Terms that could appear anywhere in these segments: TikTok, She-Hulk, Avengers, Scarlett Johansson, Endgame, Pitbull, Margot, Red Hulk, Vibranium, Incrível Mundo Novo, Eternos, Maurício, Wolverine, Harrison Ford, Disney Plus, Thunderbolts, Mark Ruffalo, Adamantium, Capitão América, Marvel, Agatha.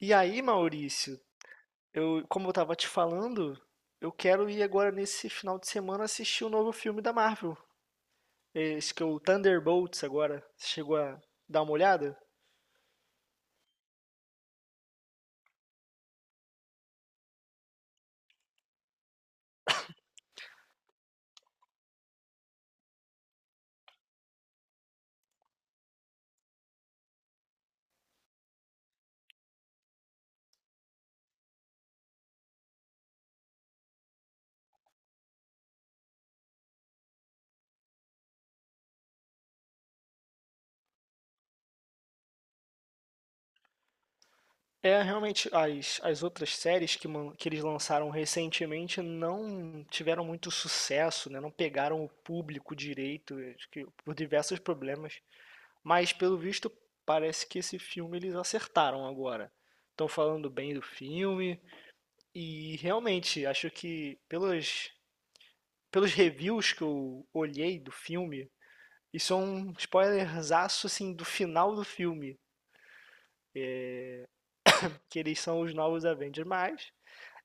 E aí, Maurício, como eu tava te falando, eu quero ir agora nesse final de semana assistir o novo filme da Marvel. Esse que é o Thunderbolts agora. Você chegou a dar uma olhada? É, realmente, as outras séries que eles lançaram recentemente não tiveram muito sucesso, né? Não pegaram o público direito, acho que por diversos problemas. Mas, pelo visto, parece que esse filme eles acertaram agora. Estão falando bem do filme. E realmente, acho que pelos reviews que eu olhei do filme, isso é um spoilerzaço assim do final do filme, que eles são os novos Avengers, mas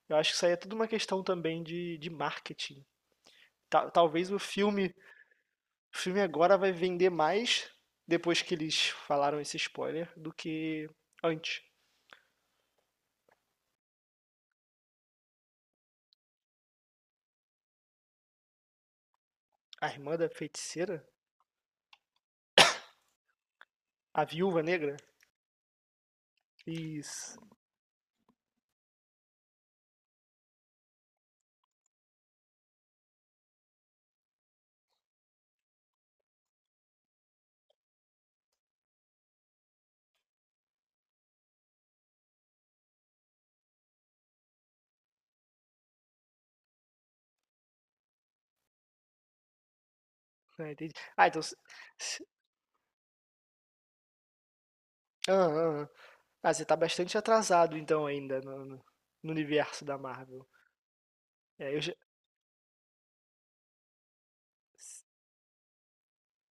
eu acho que isso aí é tudo uma questão também de marketing. Talvez o filme agora vai vender mais depois que eles falaram esse spoiler do que antes. A irmã da feiticeira? A Viúva Negra? Isso. Ah, entendi. Ah, então. Se- Ah, ah, ah. Ah, você tá bastante atrasado então ainda no universo da Marvel. É,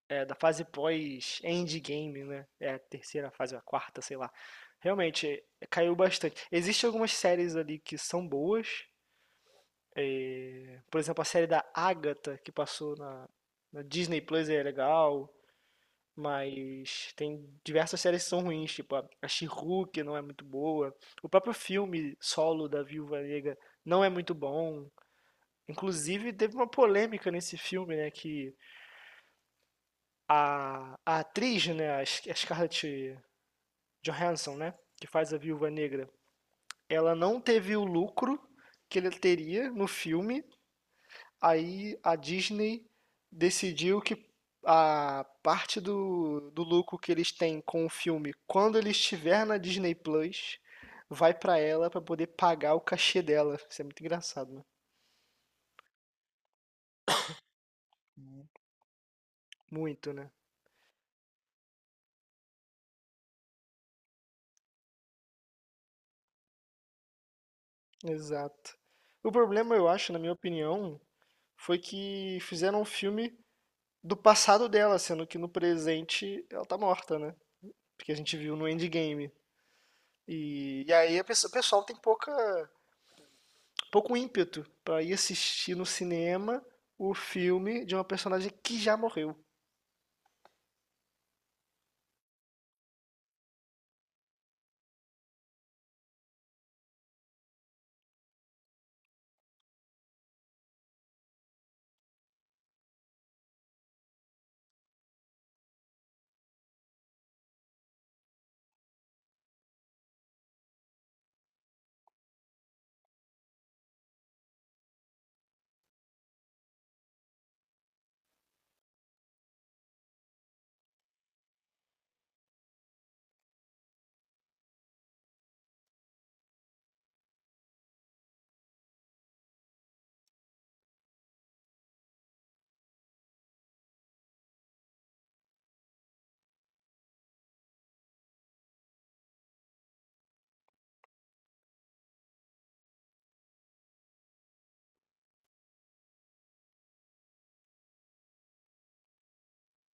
é, da fase pós-Endgame, né? É a terceira fase, a quarta, sei lá. Realmente, é, caiu bastante. Existem algumas séries ali que são boas, né? Por exemplo, a série da Agatha, que passou na Disney Plus, é legal. Mas tem diversas séries que são ruins, tipo a She-Hulk não é muito boa. O próprio filme solo da Viúva Negra não é muito bom. Inclusive, teve uma polêmica nesse filme, né? Que a atriz, né? A Scarlett Johansson, né? Que faz a Viúva Negra. Ela não teve o lucro que ele teria no filme. Aí a Disney decidiu que a parte do lucro que eles têm com o filme, quando ele estiver na Disney Plus, vai pra ela pra poder pagar o cachê dela. Isso é muito engraçado, né? Muito, né? Exato. O problema, eu acho, na minha opinião, foi que fizeram um filme do passado dela, sendo que no presente ela tá morta, né? Porque a gente viu no Endgame. E aí o pessoal tem pouco ímpeto pra ir assistir no cinema o filme de uma personagem que já morreu.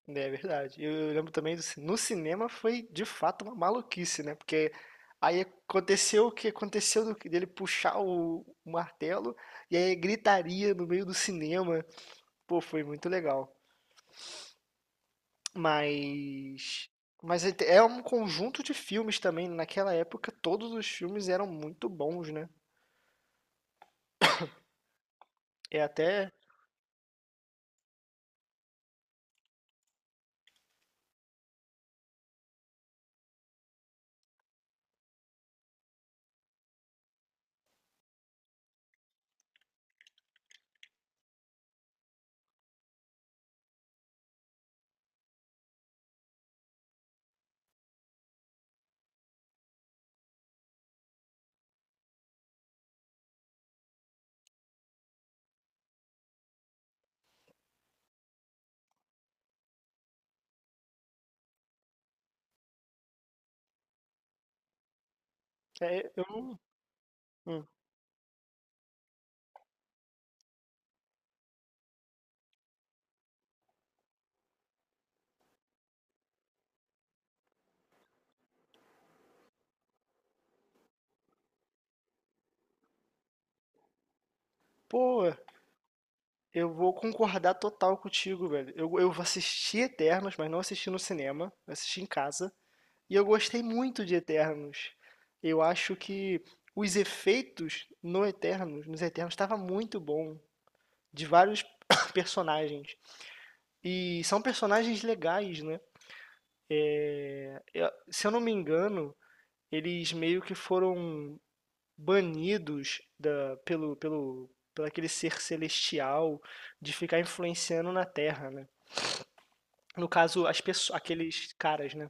Né, é verdade. Eu lembro também, no cinema foi de fato uma maluquice, né? Porque aí aconteceu o que aconteceu dele puxar o martelo e aí gritaria no meio do cinema. Pô, foi muito legal. Mas mas é um conjunto de filmes também, naquela época todos os filmes eram muito bons, né. É até. É eu Hum. Pô, eu vou concordar total contigo, velho. Eu assisti Eternos, mas não assisti no cinema, eu assisti em casa, e eu gostei muito de Eternos. Eu acho que os efeitos no Eternos nos Eternos estava muito bom, de vários personagens. E são personagens legais, né. É, se eu não me engano, eles meio que foram banidos pelo aquele ser celestial de ficar influenciando na Terra, né? No caso, as pessoas, aqueles caras, né?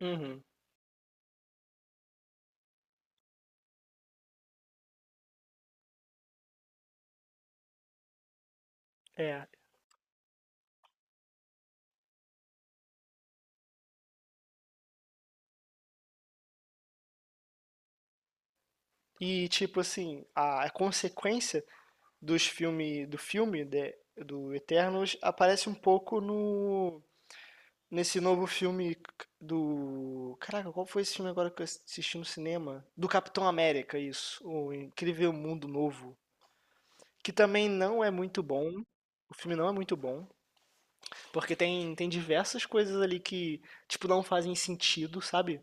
Uhum, é. E tipo assim, a consequência dos filme, do filme de- do Eternos aparece um pouco no nesse novo filme do. Caraca, qual foi esse filme agora que eu assisti no cinema? Do Capitão América, isso. O Incrível Mundo Novo. Que também não é muito bom. O filme não é muito bom. Porque tem diversas coisas ali que, tipo, não fazem sentido, sabe?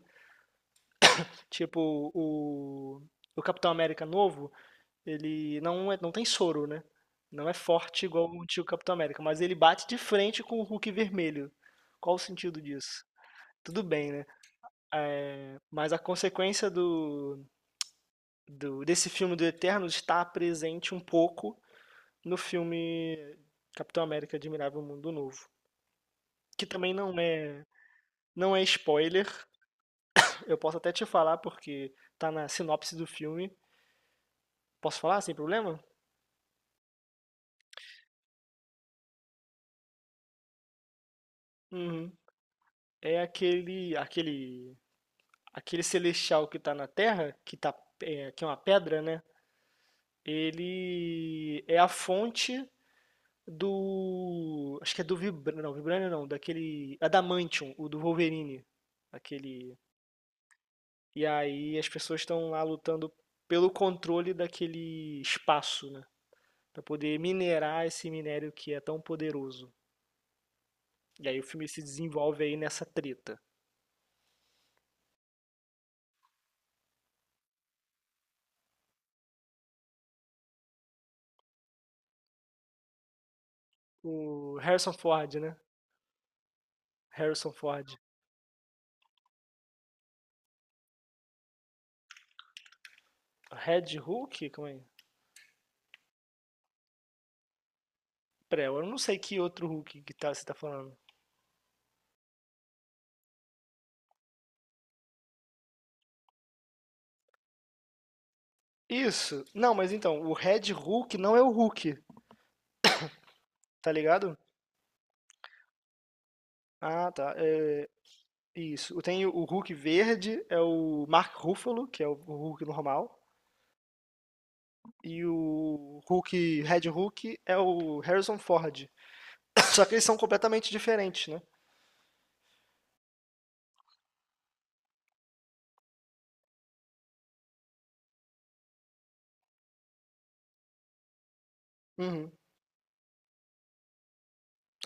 Tipo, o Capitão América novo, ele não tem soro, né? Não é forte igual o antigo Capitão América, mas ele bate de frente com o Hulk vermelho. Qual o sentido disso? Tudo bem, né? Mas a consequência desse filme do Eternos está presente um pouco no filme Capitão América Admirável Mundo Novo, que também não é spoiler. Eu posso até te falar porque tá na sinopse do filme. Posso falar sem problema? Uhum. É aquele celestial que tá na Terra, que é uma pedra, né? Ele é a fonte do. Acho que é do Vibranium. Não, Vibranium não, daquele. Adamantium, o do Wolverine. Aquele. E aí as pessoas estão lá lutando pelo controle daquele espaço, né? Pra poder minerar esse minério que é tão poderoso. E aí o filme se desenvolve aí nessa treta. O Harrison Ford, né? Harrison Ford. Red Hulk? Como é? Pera, eu não sei que outro Hulk você tá falando. Isso. Não, mas então, o Red Hulk não é o Hulk, tá ligado? Ah, tá. É. Isso. Tem o Hulk verde, é o Mark Ruffalo, que é o Hulk normal. E o Hulk, Red Hulk, é o Harrison Ford. Só que eles são completamente diferentes, né? Uhum.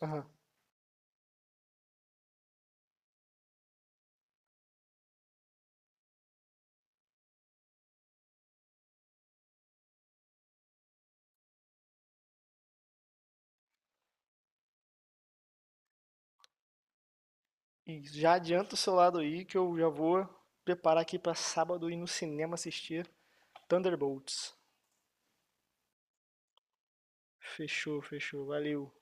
Aham. E já adianta o seu lado aí, que eu já vou preparar aqui pra sábado ir no cinema assistir Thunderbolts. Fechou, fechou. Valeu.